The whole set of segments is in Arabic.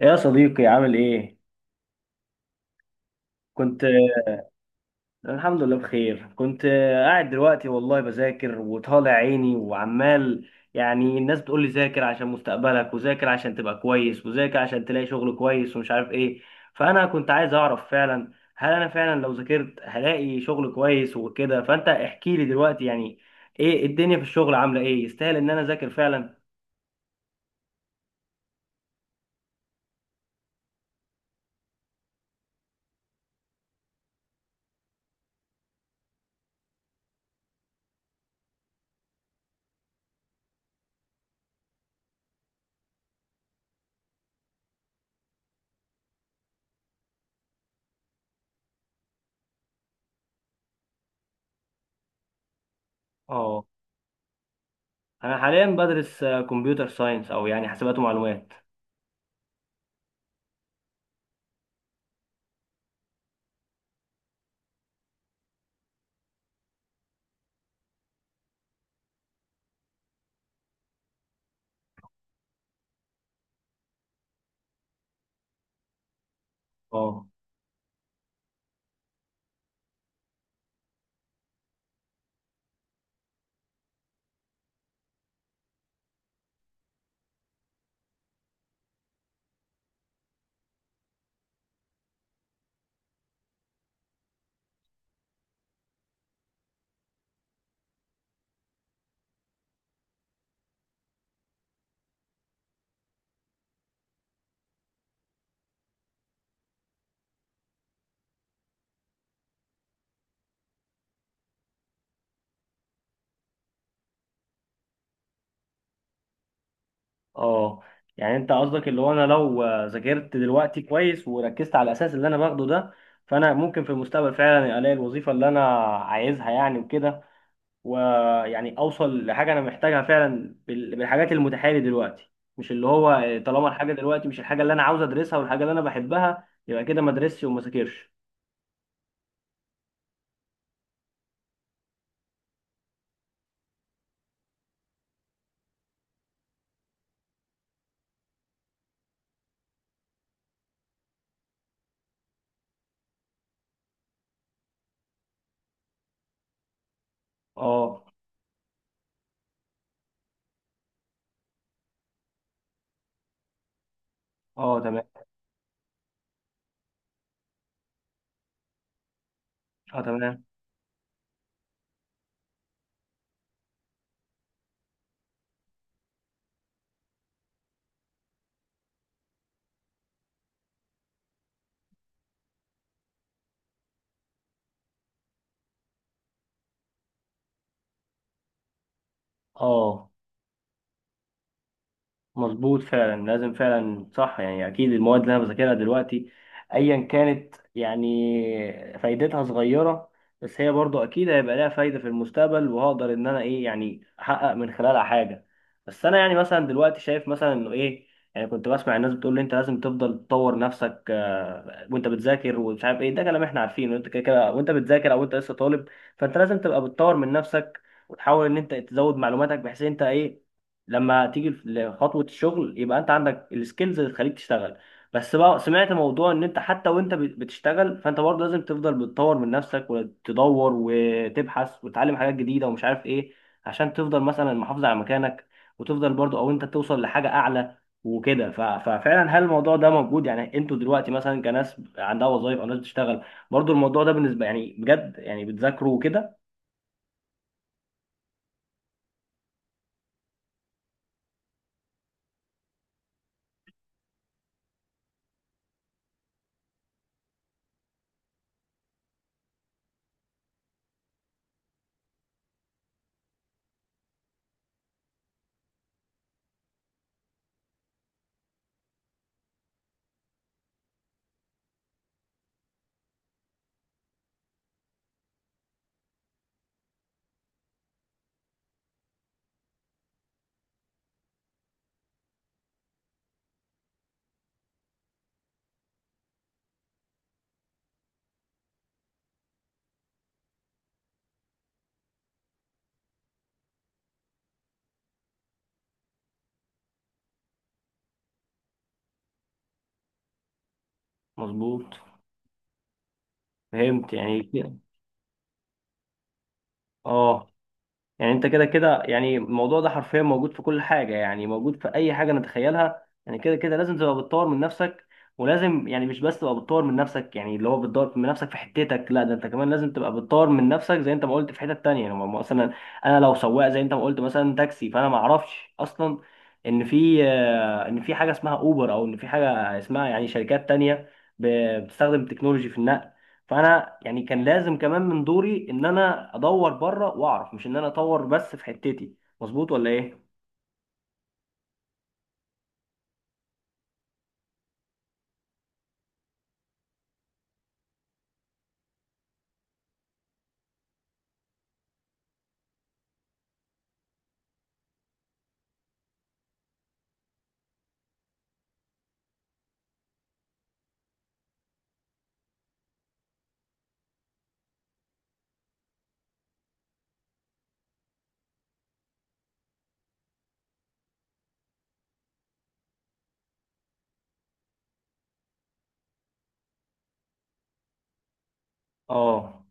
يا صديقي عامل ايه؟ كنت الحمد لله بخير. كنت قاعد دلوقتي والله بذاكر وطالع عيني وعمال، يعني الناس بتقول لي ذاكر عشان مستقبلك، وذاكر عشان تبقى كويس، وذاكر عشان تلاقي شغل كويس ومش عارف ايه. فانا كنت عايز اعرف فعلا، هل انا فعلا لو ذاكرت هلاقي شغل كويس وكده؟ فانت احكي لي دلوقتي، يعني ايه الدنيا في الشغل؟ عاملة ايه؟ يستاهل ان انا اذاكر فعلا؟ اه. انا حاليا بدرس كمبيوتر ساينس، او يعني حاسبات ومعلومات. اه. اه، يعني انت قصدك اللي هو انا لو ذاكرت دلوقتي كويس وركزت على الاساس اللي انا باخده ده، فانا ممكن في المستقبل فعلا الاقي الوظيفه اللي انا عايزها يعني وكده، ويعني اوصل لحاجه انا محتاجها فعلا بالحاجات المتاحه لي دلوقتي. مش اللي هو طالما الحاجه دلوقتي مش الحاجه اللي انا عاوز ادرسها والحاجه اللي انا بحبها، يبقى كده ما ادرسش وما ذاكرش. اه. اه، تمام. اه، تمام. اه، مظبوط فعلا، لازم فعلا، صح. يعني اكيد المواد اللي انا بذاكرها دلوقتي، ايا كانت يعني فايدتها صغيره، بس هي برضو اكيد هيبقى لها فايده في المستقبل، وهقدر ان انا ايه يعني احقق من خلالها حاجه. بس انا يعني مثلا دلوقتي شايف مثلا انه ايه، يعني كنت بسمع الناس بتقول لي انت لازم تفضل تطور نفسك وانت بتذاكر ومش عارف ايه. ده كلام احنا عارفينه، انت كده كده وانت بتذاكر او انت لسه طالب، فانت لازم تبقى بتطور من نفسك، وتحاول ان انت تزود معلوماتك، بحيث انت ايه لما تيجي لخطوة الشغل يبقى انت عندك السكيلز اللي تخليك تشتغل. بس بقى سمعت موضوع ان انت حتى وانت بتشتغل فانت برضه لازم تفضل بتطور من نفسك، وتدور وتبحث وتتعلم حاجات جديدة ومش عارف ايه، عشان تفضل مثلا محافظ على مكانك، وتفضل برضه او انت توصل لحاجة اعلى وكده. ففعلا هل الموضوع ده موجود يعني؟ انتوا دلوقتي مثلا كناس عندها وظائف او ناس بتشتغل، برضه الموضوع ده بالنسبة يعني بجد، يعني بتذاكروا وكده؟ مظبوط. فهمت يعني. اه. يعني انت كده كده، يعني الموضوع ده حرفيا موجود في كل حاجه، يعني موجود في اي حاجه نتخيلها، يعني كده كده لازم تبقى بتطور من نفسك. ولازم يعني مش بس تبقى بتطور من نفسك، يعني اللي هو بتطور من نفسك في حتتك، لا ده انت كمان لازم تبقى بتطور من نفسك زي انت ما قلت في حتت تانية. يعني مثلا انا لو سواق زي انت ما قلت مثلا تاكسي، فانا ما اعرفش اصلا ان في ان في حاجه اسمها اوبر، او ان في حاجه اسمها يعني شركات تانية بتستخدم تكنولوجي في النقل. فانا يعني كان لازم كمان من دوري ان انا ادور بره واعرف، مش ان انا اطور بس في حتتي. مظبوط ولا ايه؟ اه.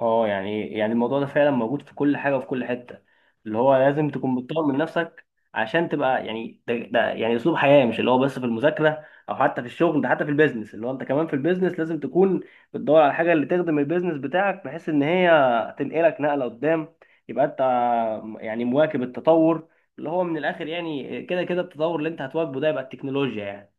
اه، يعني الموضوع ده فعلا موجود في كل حاجه وفي كل حته، اللي هو لازم تكون بتطور من نفسك عشان تبقى يعني، ده يعني اسلوب حياه، مش اللي هو بس في المذاكره او حتى في الشغل، ده حتى في البيزنس. اللي هو انت كمان في البيزنس لازم تكون بتدور على الحاجه اللي تخدم البيزنس بتاعك، بحيث ان هي تنقلك نقله قدام، يبقى انت يعني مواكب التطور. اللي هو من الاخر يعني كده كده التطور اللي انت هتواكبه ده يبقى التكنولوجيا يعني.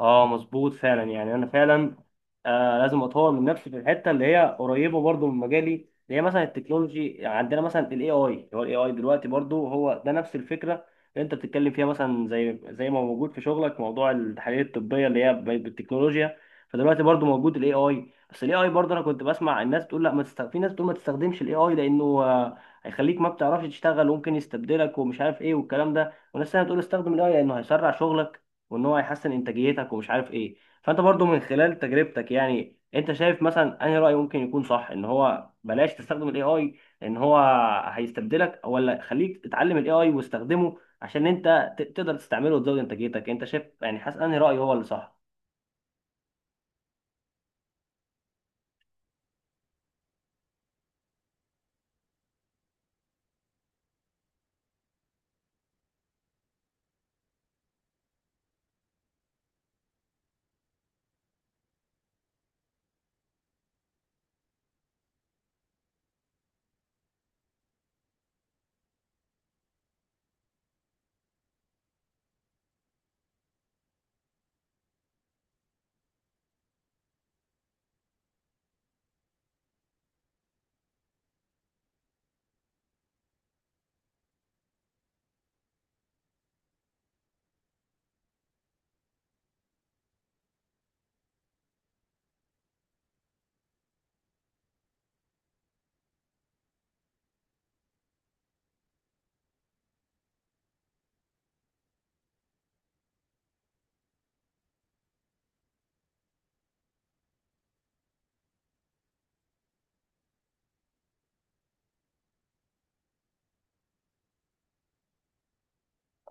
اه، مظبوط فعلا. يعني انا فعلا آه لازم اطور من نفسي في الحته اللي هي قريبه برضو من مجالي، اللي هي مثلا التكنولوجي. عندنا مثلا الاي اي، هو الاي اي دلوقتي برضو هو ده نفس الفكره اللي انت بتتكلم فيها، مثلا زي ما موجود في شغلك موضوع التحاليل الطبيه اللي هي بالتكنولوجيا. فدلوقتي برضو موجود الاي اي. بس الاي اي برضو انا كنت بسمع الناس بتقول، لا ما تست... في ناس بتقول ما تستخدمش الاي اي لانه هيخليك ما بتعرفش تشتغل وممكن يستبدلك ومش عارف ايه والكلام ده. وناس تانية بتقول استخدم الاي لانه هيسرع شغلك، وان هو هيحسن انتاجيتك ومش عارف ايه. فانت برضو من خلال تجربتك، يعني انت شايف مثلا انهي رأي ممكن يكون صح؟ ان هو بلاش تستخدم الاي اي ان هو هيستبدلك، ولا خليك تتعلم الاي اي واستخدمه عشان انت تقدر تستعمله وتزود انتاجيتك؟ انت شايف يعني حاسس انهي رأي هو اللي صح؟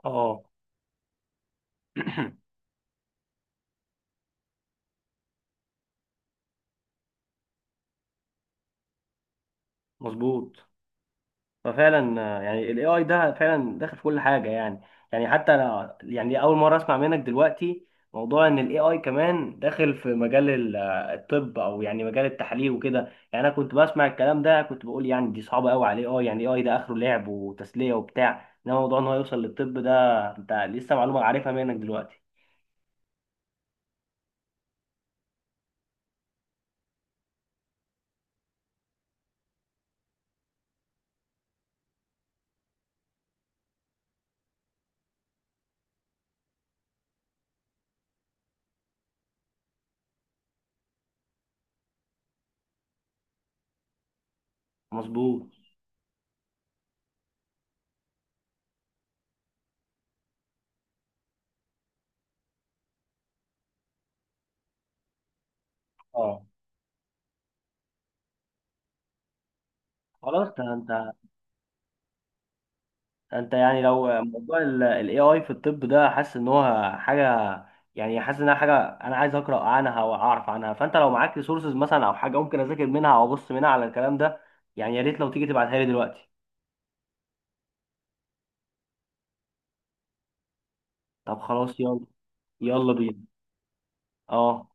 اه. مظبوط. ففعلا يعني الاي اي ده فعلا داخل في كل حاجه يعني. يعني حتى انا يعني اول مره اسمع منك دلوقتي موضوع ان الاي اي كمان داخل في مجال الطب، او يعني مجال التحاليل وكده. يعني انا كنت بسمع الكلام ده كنت بقول يعني دي صعبه قوي على الاي اي، يعني الاي اي ده اخره لعب وتسليه وبتاع، انما موضوع ان هو يوصل للطب ده، انت لسه معلومه عارفها منك دلوقتي. مظبوط. اه، خلاص ده انت، يعني لو موضوع ال AI في الطب ده حاسس ان هو حاجه، يعني حاسس انها حاجه انا عايز اقرا عنها واعرف عنها، فانت لو معاك ريسورسز مثلا او حاجه ممكن اذاكر منها او ابص منها على الكلام ده، يعني يا ريت لو تيجي تبعتها لي دلوقتي. طب خلاص، يلا. يلا بينا. اه،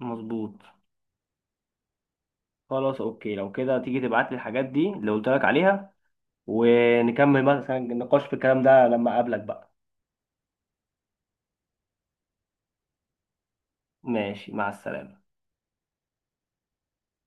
مظبوط. خلاص اوكي، لو كده تيجي تبعت لي الحاجات دي اللي قلت لك عليها، ونكمل مثلا النقاش في الكلام ده لما اقابلك بقى. ماشي، مع السلامه.